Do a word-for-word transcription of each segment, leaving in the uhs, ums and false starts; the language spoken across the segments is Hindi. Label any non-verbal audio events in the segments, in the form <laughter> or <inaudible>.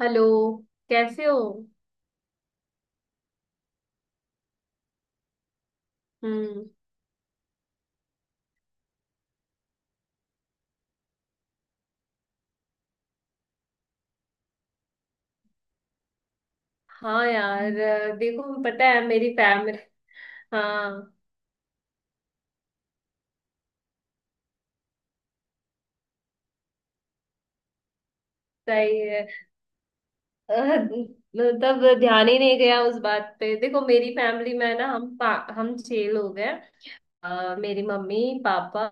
हेलो। कैसे हो। हम्म। हाँ यार अ, देखो पता है मेरी फैमिली। हाँ। सही है। अ, तब ध्यान ही नहीं गया उस बात पे। देखो मेरी फैमिली में ना हम पा- हम छह लोग हैं। अ, मेरी मम्मी, पापा,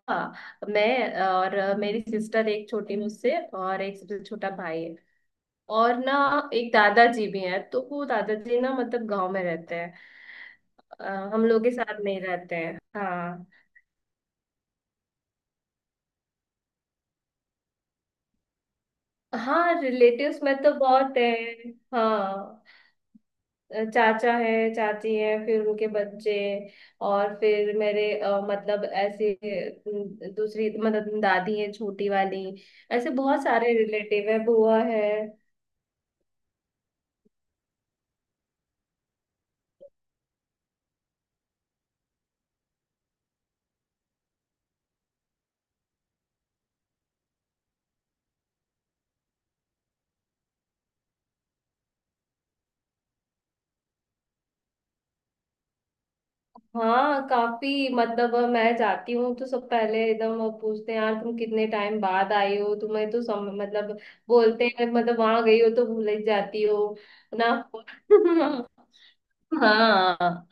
मैं और अ, मेरी सिस्टर एक छोटी मुझसे और एक सबसे छोटा भाई है। और ना एक दादाजी भी हैं, तो वो दादाजी ना मतलब गांव में रहते हैं। अ, हम लोग के साथ नहीं रहते हैं। हाँ। हाँ रिलेटिव्स में तो बहुत है। हाँ चाचा है, चाची है, फिर उनके बच्चे। और फिर मेरे अ, मतलब ऐसे अ, दूसरी मतलब दादी है छोटी वाली। ऐसे बहुत सारे रिलेटिव है, बुआ है। हाँ काफी मतलब अ, मैं जाती हूँ तो सब पहले एकदम वो पूछते हैं यार तुम कितने टाइम बाद आई हो। तुम्हें तो सम, मतलब बोलते हैं मतलब वहां गई हो तो भूल ही जाती हो। ना। <laughs> हाँ।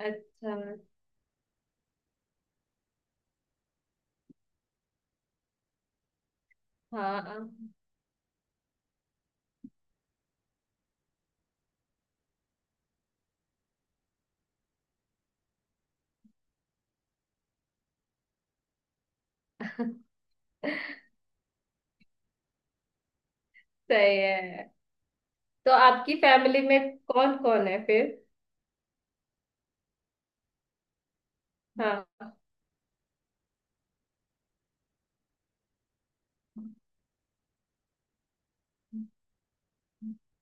अच्छा। हाँ। <laughs> सही है। तो आपकी फैमिली में कौन कौन है फिर। हाँ।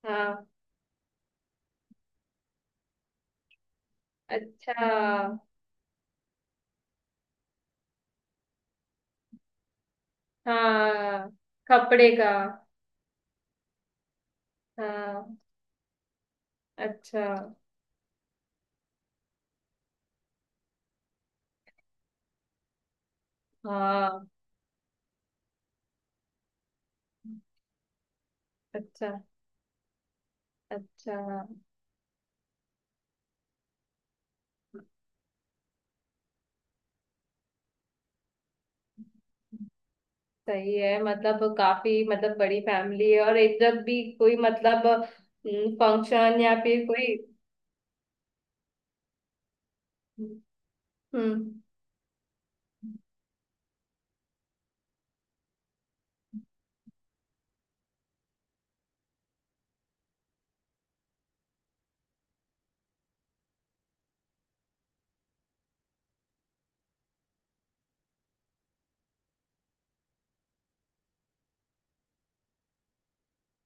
हाँ। अच्छा। हाँ कपड़े का। हाँ। अच्छा। हाँ। अच्छा। अच्छा। सही है, मतलब काफी मतलब बड़ी फैमिली है। और एक जब भी कोई मतलब फंक्शन या फिर कोई। हम्म।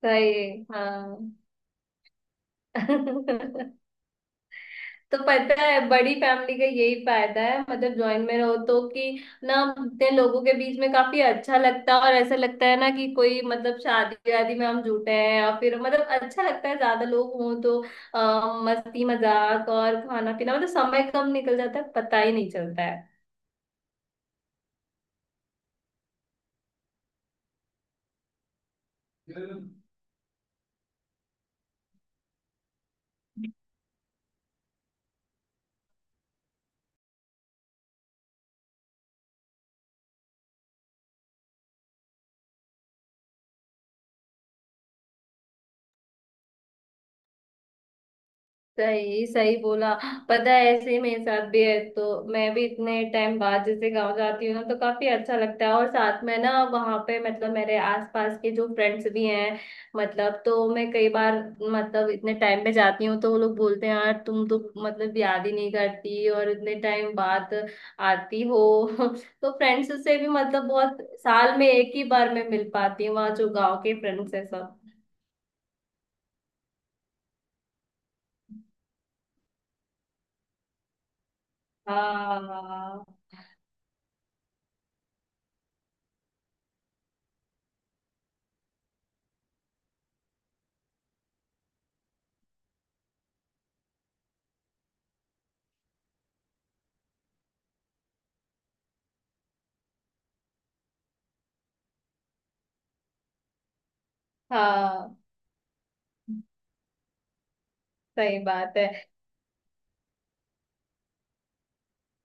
सही है, हाँ। <laughs> तो पता है बड़ी फैमिली का यही फायदा है, मतलब ज्वाइंट में रहो तो कि। ना। इतने लोगों के बीच में काफी अच्छा लगता है। और ऐसा लगता है ना कि कोई मतलब शादी वादी में हम जुटे हैं और फिर मतलब अच्छा लगता है ज्यादा लोग हों तो। अ, मस्ती मजाक और खाना पीना मतलब समय कम निकल जाता है, पता ही नहीं चलता। सही सही बोला। पता है ऐसे ही मेरे साथ भी है तो। मैं भी इतने टाइम बाद जैसे गांव जाती हूँ ना तो काफी अच्छा लगता है। और साथ में ना वहां पे मतलब मेरे आसपास के जो फ्रेंड्स भी हैं। मतलब तो मैं कई बार मतलब इतने टाइम पे जाती हूँ तो वो लोग बोलते हैं यार तुम तो मतलब याद ही नहीं करती और इतने टाइम बाद आती हो। <laughs> तो फ्रेंड्स से भी मतलब बहुत। साल में एक ही बार मैं मिल पाती हूँ वहाँ जो गाँव के फ्रेंड्स है सब। हाँ। हाँ सही बात है।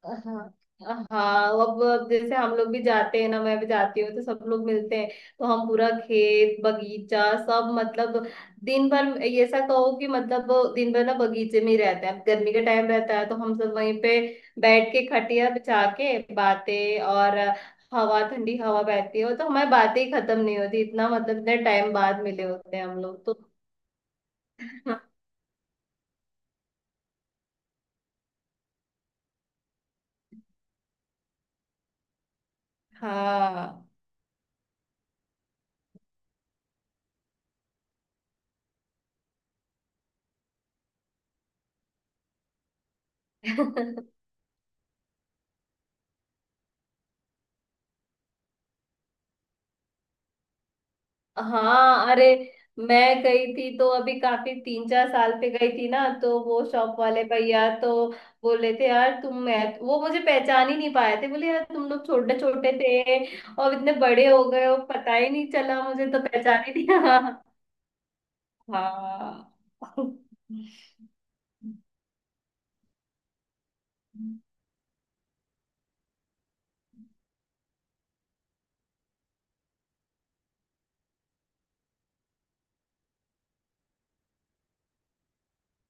हाँ। हाँ अब अब जैसे हम लोग भी जाते हैं ना, मैं भी जाती हूँ तो सब लोग मिलते हैं। तो हम पूरा खेत बगीचा सब मतलब दिन भर। ये ऐसा कहो कि मतलब दिन भर ना बगीचे में ही रहते हैं। अब गर्मी का टाइम रहता है तो हम सब वहीं पे बैठ के खटिया बिछा के बातें। और हवा, ठंडी हवा बहती है तो हमारी बातें ही खत्म नहीं होती। इतना मतलब इतना टाइम बाद मिले होते हैं हम लोग तो। <laughs> हाँ। <laughs> हाँ अरे। मैं गई थी तो अभी काफी तीन चार साल पे गई थी ना, तो वो शॉप वाले भैया तो बोले थे यार तुम। मैं वो मुझे पहचान ही नहीं पाए थे। बोले यार तुम लोग छोटे छोटे थे और इतने बड़े हो गए हो, पता ही नहीं चला। मुझे तो पहचान ही नहीं। <laughs> हाँ। हाँ।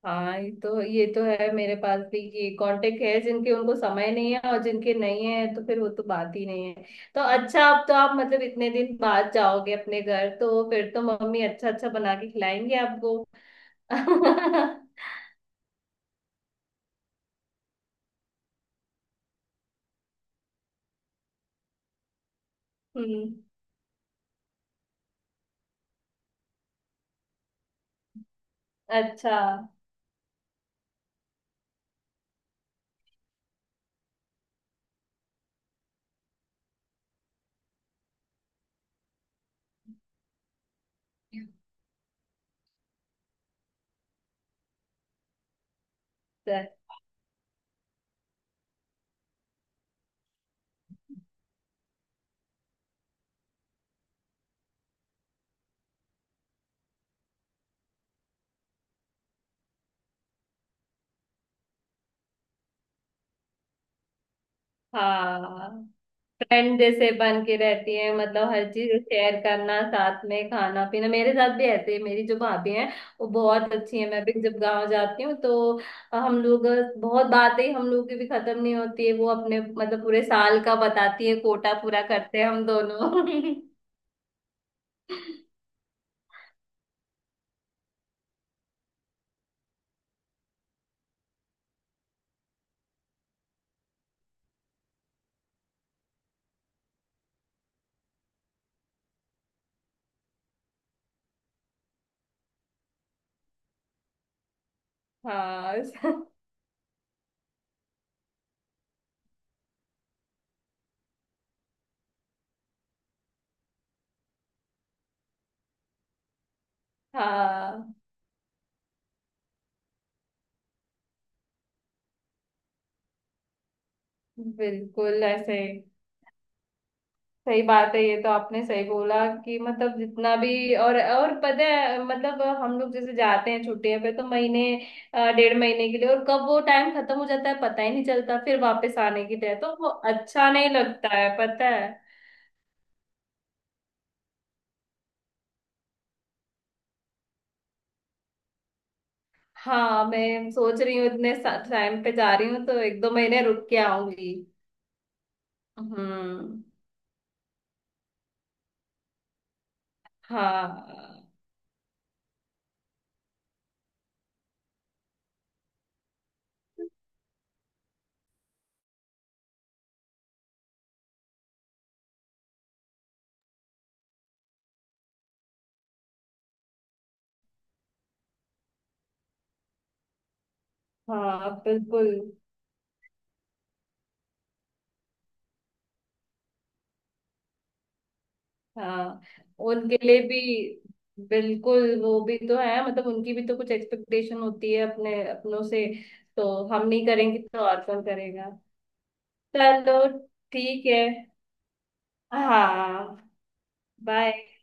हाँ ये तो, ये तो है। मेरे पास भी ये कांटेक्ट है जिनके उनको समय नहीं है, और जिनके नहीं है तो फिर वो तो बात ही नहीं है। तो अच्छा, अब तो आप मतलब इतने दिन बाद जाओगे अपने घर तो फिर तो मम्मी अच्छा अच्छा बना के खिलाएंगे आपको। <laughs> हम्म। अच्छा। हाँ फ्रेंड जैसे बन के रहती है, मतलब हर चीज शेयर करना, साथ में खाना पीना। मेरे साथ भी ऐसे ही मेरी जो भाभी हैं वो बहुत अच्छी है। मैं भी जब गांव जाती हूँ तो हम लोग बहुत बातें, हम लोग की भी खत्म नहीं होती है। वो अपने मतलब पूरे साल का बताती है, कोटा पूरा करते हैं हम दोनों। <laughs> हाँ। हाँ बिल्कुल ऐसे। सही बात है, ये तो आपने सही बोला कि मतलब जितना भी। और और पता है मतलब हम लोग जैसे जाते हैं छुट्टियों पे तो महीने, अ, डेढ़ महीने के लिए। और कब वो टाइम खत्म हो जाता है पता ही नहीं चलता। फिर वापस आने की तय तो वो अच्छा नहीं लगता है पता है। हाँ मैं सोच रही हूँ इतने टाइम पे जा रही हूँ तो एक दो महीने रुक के आऊंगी। हम्म। हाँ। हाँ बिल्कुल। हाँ उनके लिए भी। बिल्कुल वो भी तो है, मतलब उनकी भी तो कुछ एक्सपेक्टेशन होती है अपने अपनों से। तो हम नहीं करेंगे तो और कौन करेगा। चलो। ठीक है। हाँ। बाय।